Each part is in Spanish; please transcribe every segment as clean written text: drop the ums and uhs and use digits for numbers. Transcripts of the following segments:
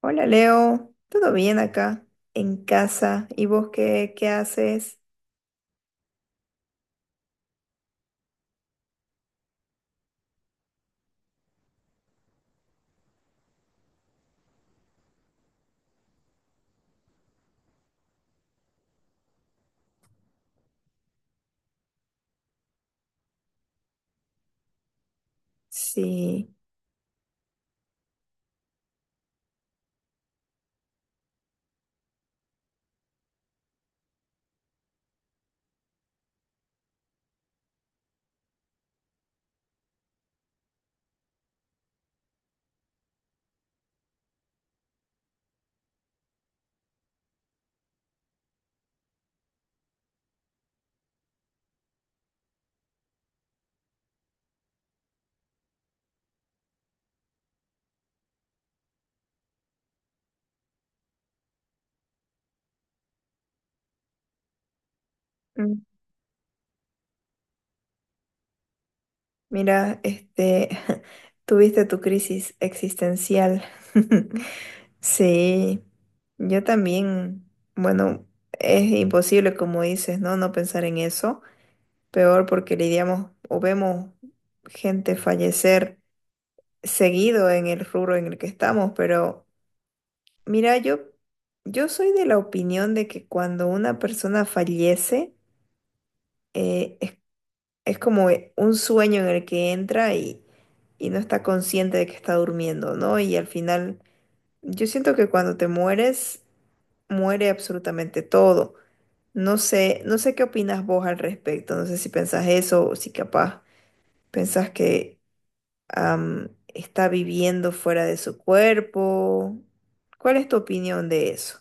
Hola Leo, ¿todo bien acá en casa? ¿Y vos qué haces? Sí. Mm. Mira, tuviste tu crisis existencial. Sí, yo también, bueno, es imposible como dices, ¿no? No pensar en eso. Peor porque lidiamos o vemos gente fallecer seguido en el rubro en el que estamos, pero... Mira, yo soy de la opinión de que cuando una persona fallece, eh, es, es como un sueño en el que entra y no está consciente de que está durmiendo, ¿no? Y al final, yo siento que cuando te mueres, muere absolutamente todo. No sé, no sé qué opinas vos al respecto, no sé si pensás eso o si capaz pensás que está viviendo fuera de su cuerpo. ¿Cuál es tu opinión de eso?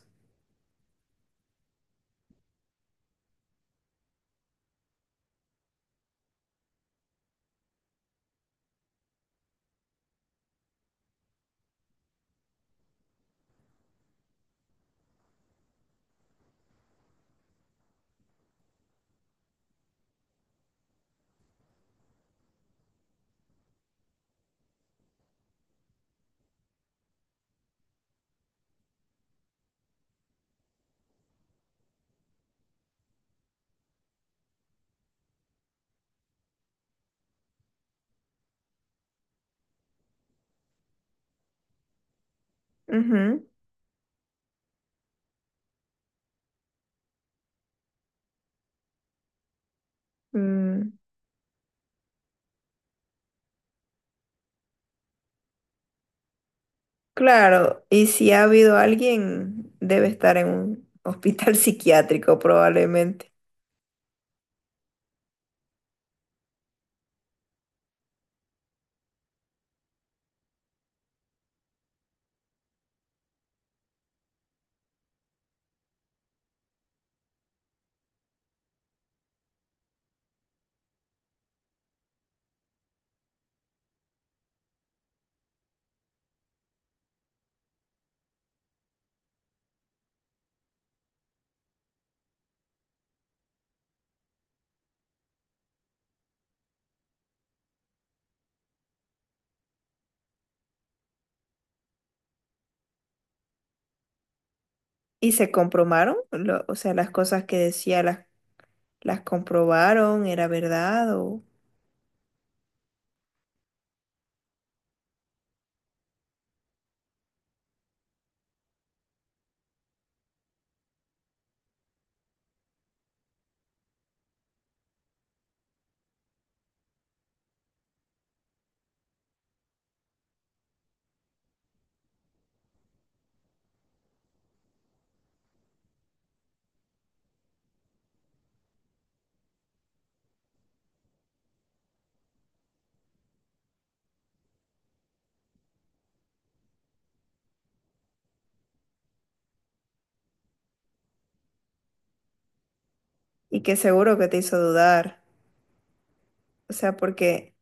Mm, claro, y si ha habido alguien, debe estar en un hospital psiquiátrico probablemente. ¿Y se comprobaron? O sea, las cosas que decía las comprobaron, ¿era verdad o? Y que seguro que te hizo dudar. O sea, porque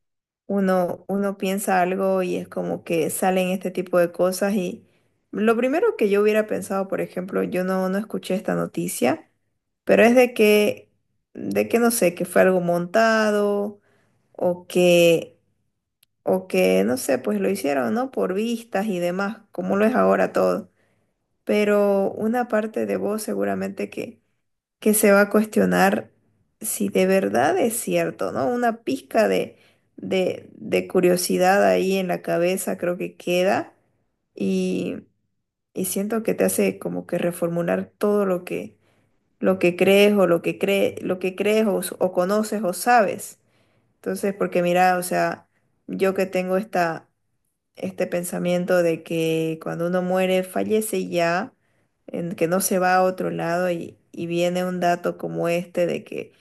uno piensa algo y es como que salen este tipo de cosas y lo primero que yo hubiera pensado, por ejemplo, yo no escuché esta noticia, pero es de que, no sé, que fue algo montado o que, o que, no sé, pues lo hicieron, ¿no? Por vistas y demás, como lo es ahora todo. Pero una parte de vos seguramente que se va a cuestionar si de verdad es cierto, ¿no? Una pizca de curiosidad ahí en la cabeza creo que queda y, y siento que te hace como que reformular todo lo que crees o lo que crees o conoces o sabes. Entonces, porque mira, o sea, yo que tengo este pensamiento de que cuando uno muere, fallece y ya, en que no se va a otro lado y viene un dato como este de que,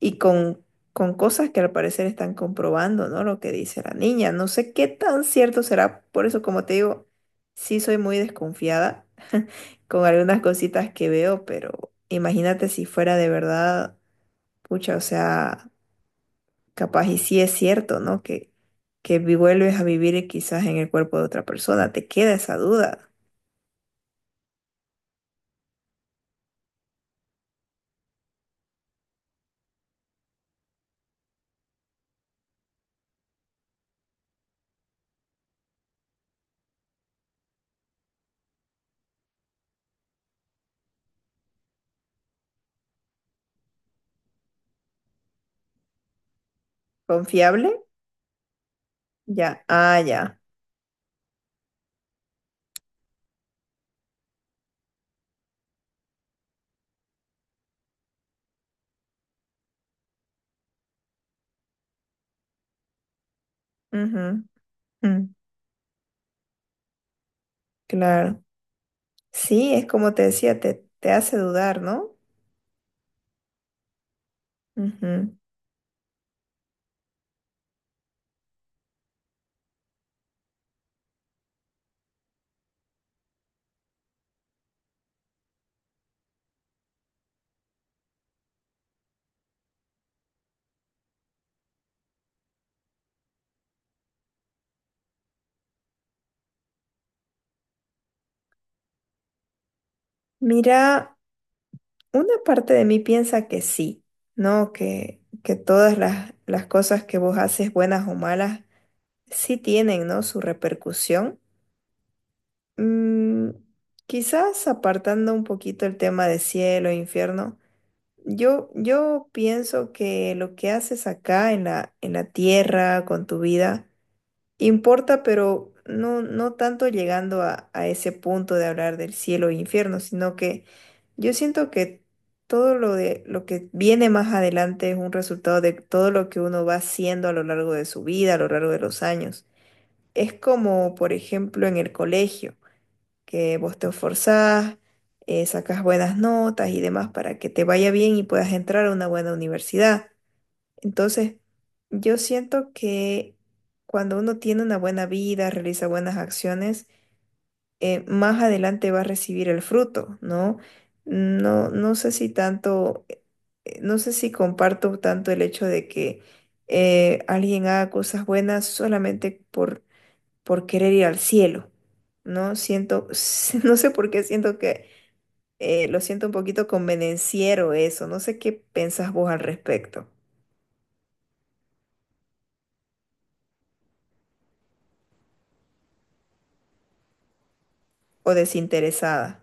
y con cosas que al parecer están comprobando, ¿no? Lo que dice la niña, no sé qué tan cierto será, por eso como te digo, sí soy muy desconfiada con algunas cositas que veo, pero imagínate si fuera de verdad, pucha, o sea... Capaz y sí es cierto, ¿no? Que vuelves a vivir y quizás en el cuerpo de otra persona, te queda esa duda. ¿Confiable? Ya, ah, ya. Ujú, mm, claro. Sí, es como te decía, te hace dudar, ¿no? Ujú. Mira, una parte de mí piensa que sí, ¿no? Que todas las cosas que vos haces, buenas o malas, sí tienen, ¿no? Su repercusión. Mm. Quizás apartando un poquito el tema de cielo e infierno, yo pienso que lo que haces acá en la tierra, con tu vida, importa, pero no, no tanto llegando a ese punto de hablar del cielo e infierno, sino que yo siento que todo lo que viene más adelante es un resultado de todo lo que uno va haciendo a lo largo de su vida, a lo largo de los años. Es como, por ejemplo, en el colegio que vos te esforzás, sacas buenas notas y demás para que te vaya bien y puedas entrar a una buena universidad. Entonces, yo siento que cuando uno tiene una buena vida, realiza buenas acciones, más adelante va a recibir el fruto, ¿no? No, no sé si tanto, no sé si comparto tanto el hecho de que alguien haga cosas buenas solamente por querer ir al cielo, ¿no? Siento, no sé por qué siento que lo siento un poquito convenenciero eso, no sé qué pensás vos al respecto, o desinteresada.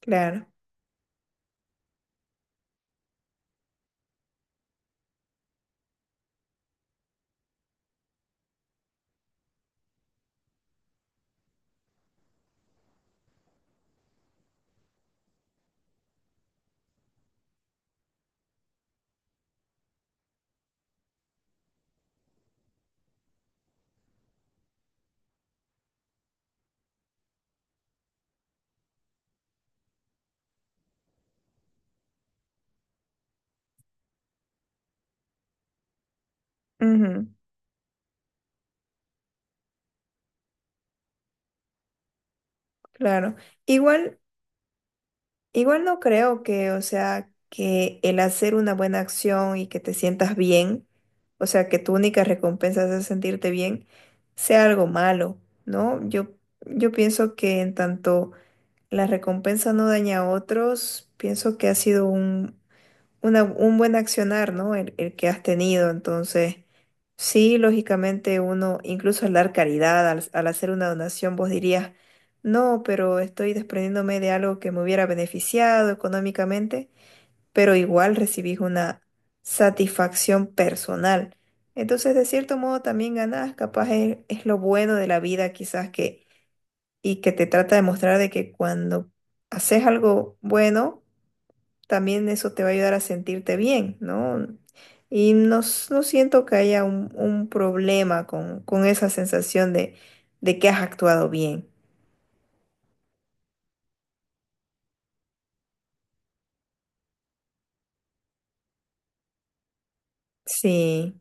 Claro, ujú, claro. Igual. Igual no creo que, o sea, que el hacer una buena acción y que te sientas bien, o sea, que tu única recompensa es sentirte bien, sea algo malo, ¿no? Yo pienso que en tanto la recompensa no daña a otros, pienso que ha sido un buen accionar, ¿no? El que has tenido. Entonces, sí, lógicamente uno, incluso al dar caridad, al hacer una donación, vos dirías, no, pero estoy desprendiéndome de algo que me hubiera beneficiado económicamente, pero igual recibís una satisfacción personal. Entonces, de cierto modo, también ganás, capaz es lo bueno de la vida, quizás que, y que te trata de mostrar de que cuando haces algo bueno, también eso te va a ayudar a sentirte bien, ¿no? Y no, no siento que haya un problema con esa sensación de que has actuado bien. Sí,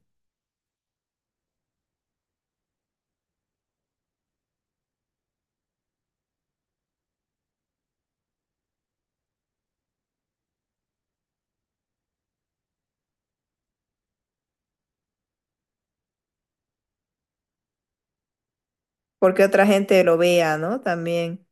porque otra gente lo vea, ¿no? También.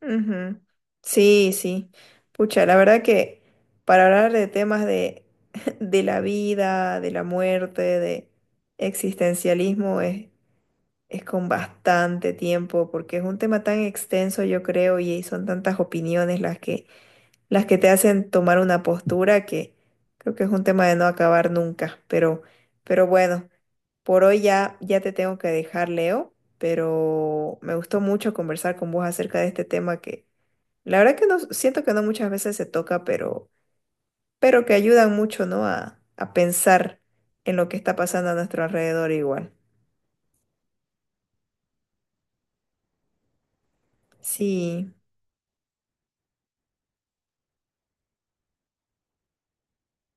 Ujú. Sí, sí. Pucha, la verdad que para hablar de temas de, de la vida, de la muerte, de existencialismo, es con bastante tiempo, porque es un tema tan extenso, yo creo, y son tantas opiniones las que te hacen tomar una postura que creo que es un tema de no acabar nunca. Pero bueno, por hoy ya, ya te tengo que dejar, Leo, pero me gustó mucho conversar con vos acerca de este tema que la verdad que no siento que no muchas veces se toca, pero que ayudan mucho, ¿no? A pensar en lo que está pasando a nuestro alrededor igual. Sí.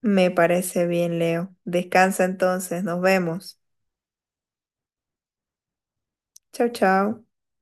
Me parece bien, Leo. Descansa entonces, nos vemos. Chao, chao.